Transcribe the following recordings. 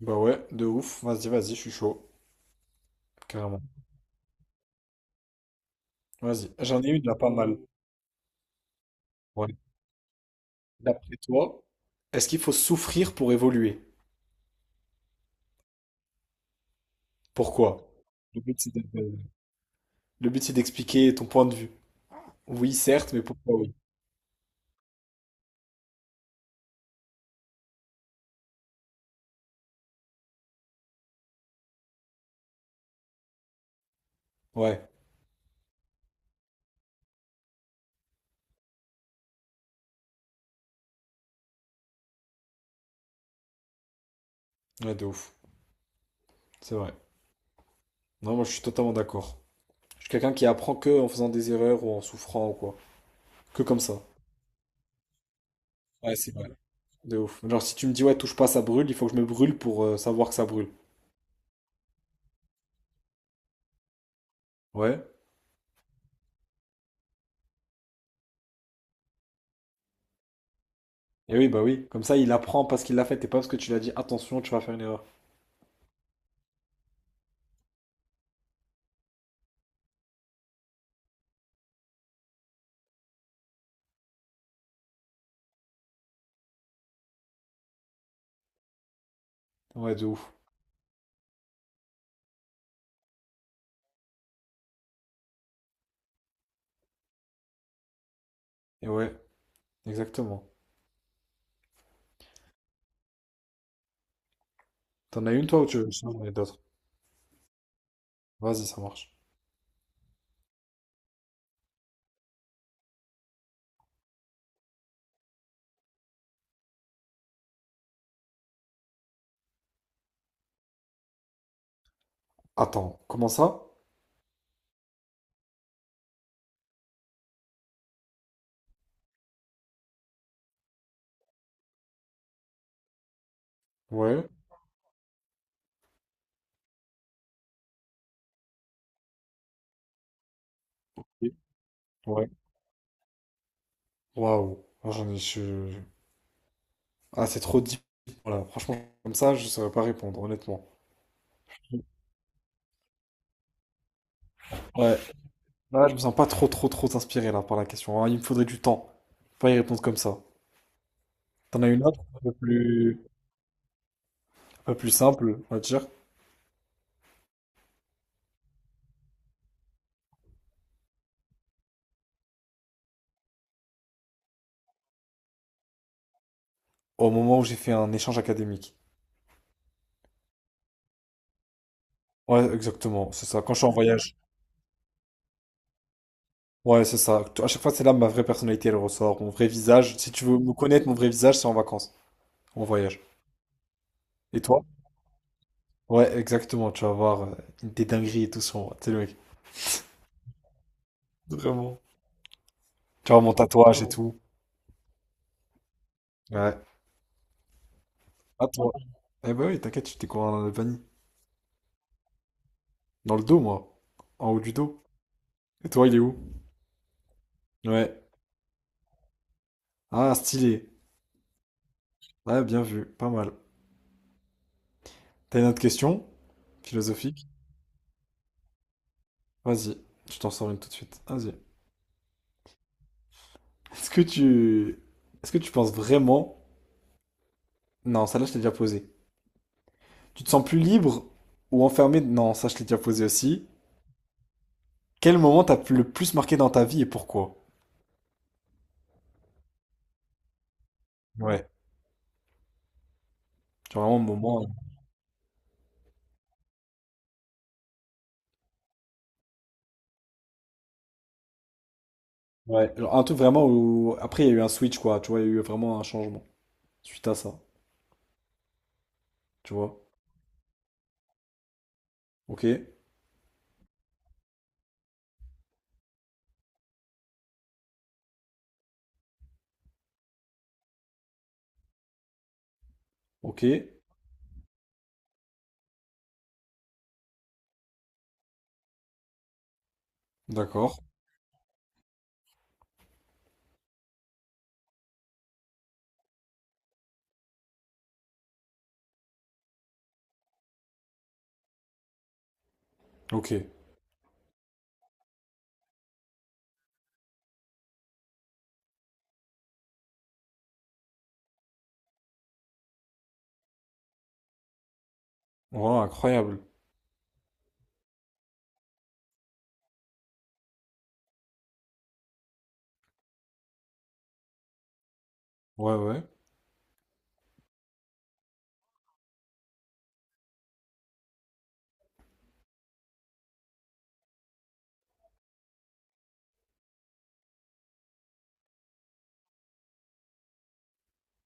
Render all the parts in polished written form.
Bah ouais, de ouf. Vas-y, vas-y, je suis chaud. Carrément. Vas-y. J'en ai une là pas mal. Ouais. D'après toi, est-ce qu'il faut souffrir pour évoluer? Pourquoi? Le but, c'est d'être, le but, c'est d'expliquer ton point de vue. Oui, certes, mais pourquoi oui? Ouais. Ouais, de ouf. C'est vrai. Non, moi, je suis totalement d'accord. Je suis quelqu'un qui apprend que en faisant des erreurs ou en souffrant ou quoi. Que comme ça. Ouais, c'est vrai. De ouf. Genre, si tu me dis, ouais, touche pas, ça brûle, il faut que je me brûle pour savoir que ça brûle. Ouais. Et oui, bah oui. Comme ça, il apprend parce qu'il l'a fait et pas parce que tu l'as dit, attention, tu vas faire une erreur. Ouais, de ouf. Et ouais, exactement. T'en as une toi ou tu veux que je ai d'autres? Vas-y, ça marche. Attends, comment ça? Ouais. Ok. Ouais. Waouh. Moi, Ah, c'est trop deep. Voilà, franchement, comme ça, je saurais pas répondre, honnêtement. Ouais. Là, je me sens pas trop, trop, trop inspiré là par la question, hein. Il me faudrait du temps. Pas y répondre comme ça. T'en as une autre, un peu plus simple, on va dire. Au moment où j'ai fait un échange académique. Ouais, exactement, c'est ça. Quand je suis en voyage. Ouais, c'est ça. À chaque fois, c'est là ma vraie personnalité, elle ressort. Mon vrai visage. Si tu veux me connaître, mon vrai visage, c'est en vacances, en voyage. Et toi? Ouais, exactement. Tu vas voir des dingueries et tout sur moi. Tu sais, le mec. Vraiment. Tu vois mon tatouage et tout. Ouais. À toi. Eh ben oui, t'inquiète, je t'ai découvert en Albanie. Dans le dos, moi. En haut du dos. Et toi, il est où? Ouais. Ah, stylé. Ouais, bien vu. Pas mal. T'as une autre question? Philosophique? Vas-y. Je t'en sors une tout de suite. Vas-y. Est-ce que tu... Est-ce que tu penses vraiment... Non, celle-là, je t'ai déjà posée. Tu te sens plus libre ou enfermé? Non, ça je l'ai déjà posé aussi. Quel moment t'as le plus marqué dans ta vie et pourquoi? Ouais. Genre vraiment un moment. Ouais. Genre un truc vraiment où. Après, il y a eu un switch, quoi. Tu vois, il y a eu vraiment un changement suite à ça. Tu vois? Ok. Ok. D'accord. Ok. Wow, incroyable. Ouais, ouais.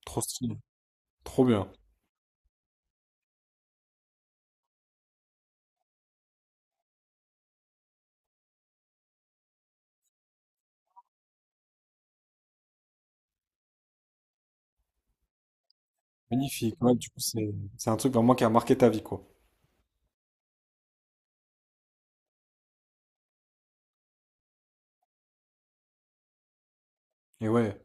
Trop stylé. Trop bien. Magnifique. Ouais, du coup, c'est un truc vraiment qui a marqué ta vie, quoi. Et ouais,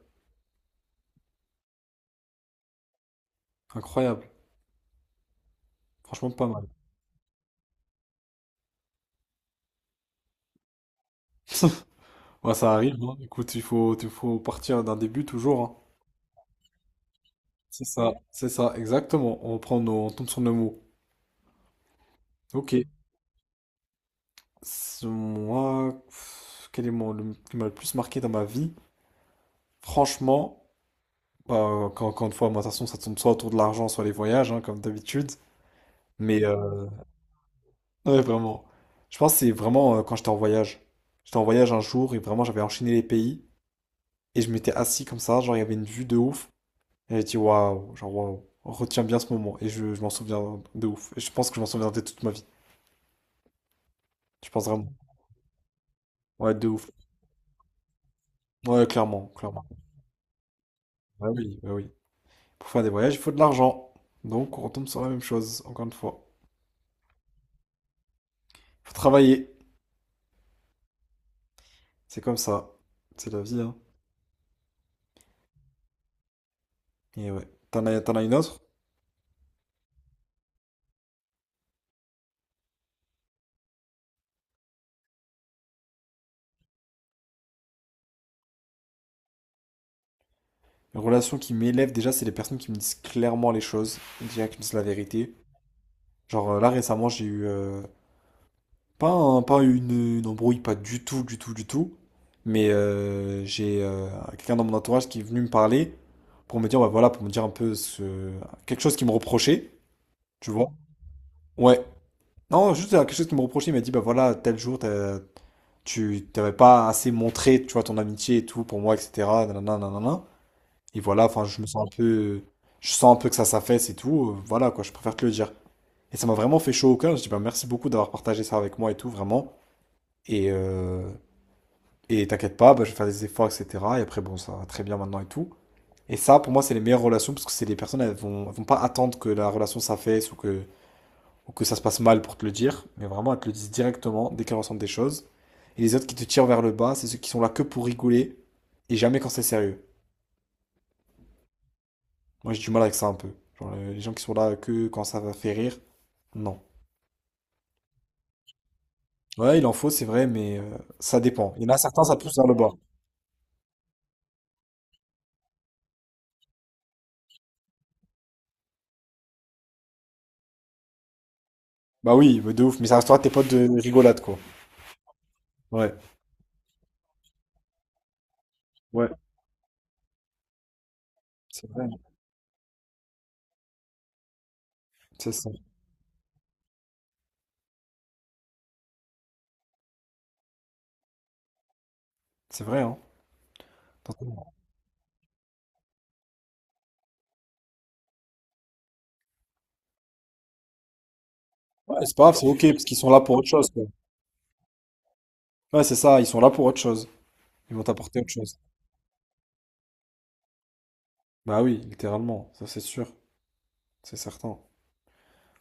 incroyable. Franchement, pas mal. Ouais, ça arrive, hein. Écoute, il faut partir d'un début toujours, hein. C'est ça, exactement. On prend nos, on tombe sur nos mots. Ok. C'est moi, pff, quel est mon, le- qui m'a le plus marqué dans ma vie? Franchement, bah, quand, encore une fois, moi, de toute façon, ça tourne soit autour de l'argent, soit les voyages, hein, comme d'habitude. Mais ouais, vraiment. Je pense que c'est vraiment quand j'étais en voyage. J'étais en voyage un jour et vraiment, j'avais enchaîné les pays et je m'étais assis comme ça, genre il y avait une vue de ouf. Et j'ai dit waouh, genre waouh, retiens bien ce moment et je m'en souviens de ouf. Et je pense que je m'en souviendrai toute ma vie. Je pense vraiment. Ouais, de ouf. Ouais, clairement, clairement. Bah oui, bah oui. Pour faire des voyages, il faut de l'argent. Donc, on retombe sur la même chose, encore une fois. Faut travailler. C'est comme ça. C'est la vie, hein. Et ouais. T'en as une autre? Une relation qui m'élève déjà, c'est les personnes qui me disent clairement les choses, déjà qui me disent la vérité. Genre là récemment, j'ai eu pas une, une embrouille, pas du tout, du tout, du tout. Mais j'ai quelqu'un dans mon entourage qui est venu me parler pour me dire, bah voilà, pour me dire un peu ce quelque chose qui me reprochait, tu vois? Ouais. Non, juste quelque chose qui me reprochait, il m'a dit, bah voilà, tel jour, tu t'avais pas assez montré, tu vois, ton amitié et tout pour moi, etc. Nanana, nanana. Et voilà, enfin, je me sens un peu, je sens un peu que ça s'affaisse et tout, voilà, quoi, je préfère te le dire. Et ça m'a vraiment fait chaud au cœur, je dis, bah merci beaucoup d'avoir partagé ça avec moi et tout, vraiment. Et, euh, et t'inquiète pas, bah, je vais faire des efforts, etc. Et après, bon, ça va très bien maintenant et tout. Et ça, pour moi, c'est les meilleures relations, parce que c'est les personnes, elles vont pas attendre que la relation s'affaisse ou que ça se passe mal pour te le dire, mais vraiment, elles te le disent directement dès qu'elles ressentent des choses. Et les autres qui te tirent vers le bas, c'est ceux qui sont là que pour rigoler et jamais quand c'est sérieux. Moi, j'ai du mal avec ça un peu. Genre, les gens qui sont là que quand ça va faire rire, non. Ouais, il en faut, c'est vrai, mais ça dépend. Il y en a certains, ça pousse vers le bas. Bah oui, mais de ouf, mais ça restera tes potes de rigolade, quoi. Ouais, ouais, c'est vrai, c'est ça. C'est vrai, hein. Totalement. Ouais, c'est pas grave, c'est ok, parce qu'ils sont là pour autre chose, quoi. Ouais, c'est ça, ils sont là pour autre chose. Ils vont t'apporter autre chose. Bah oui, littéralement, ça c'est sûr. C'est certain.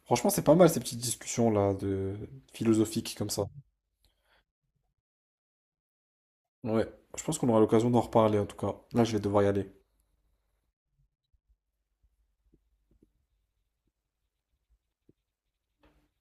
Franchement, c'est pas mal ces petites discussions-là de philosophiques comme ça. Ouais, je pense qu'on aura l'occasion d'en reparler en tout cas. Là, je vais devoir y aller.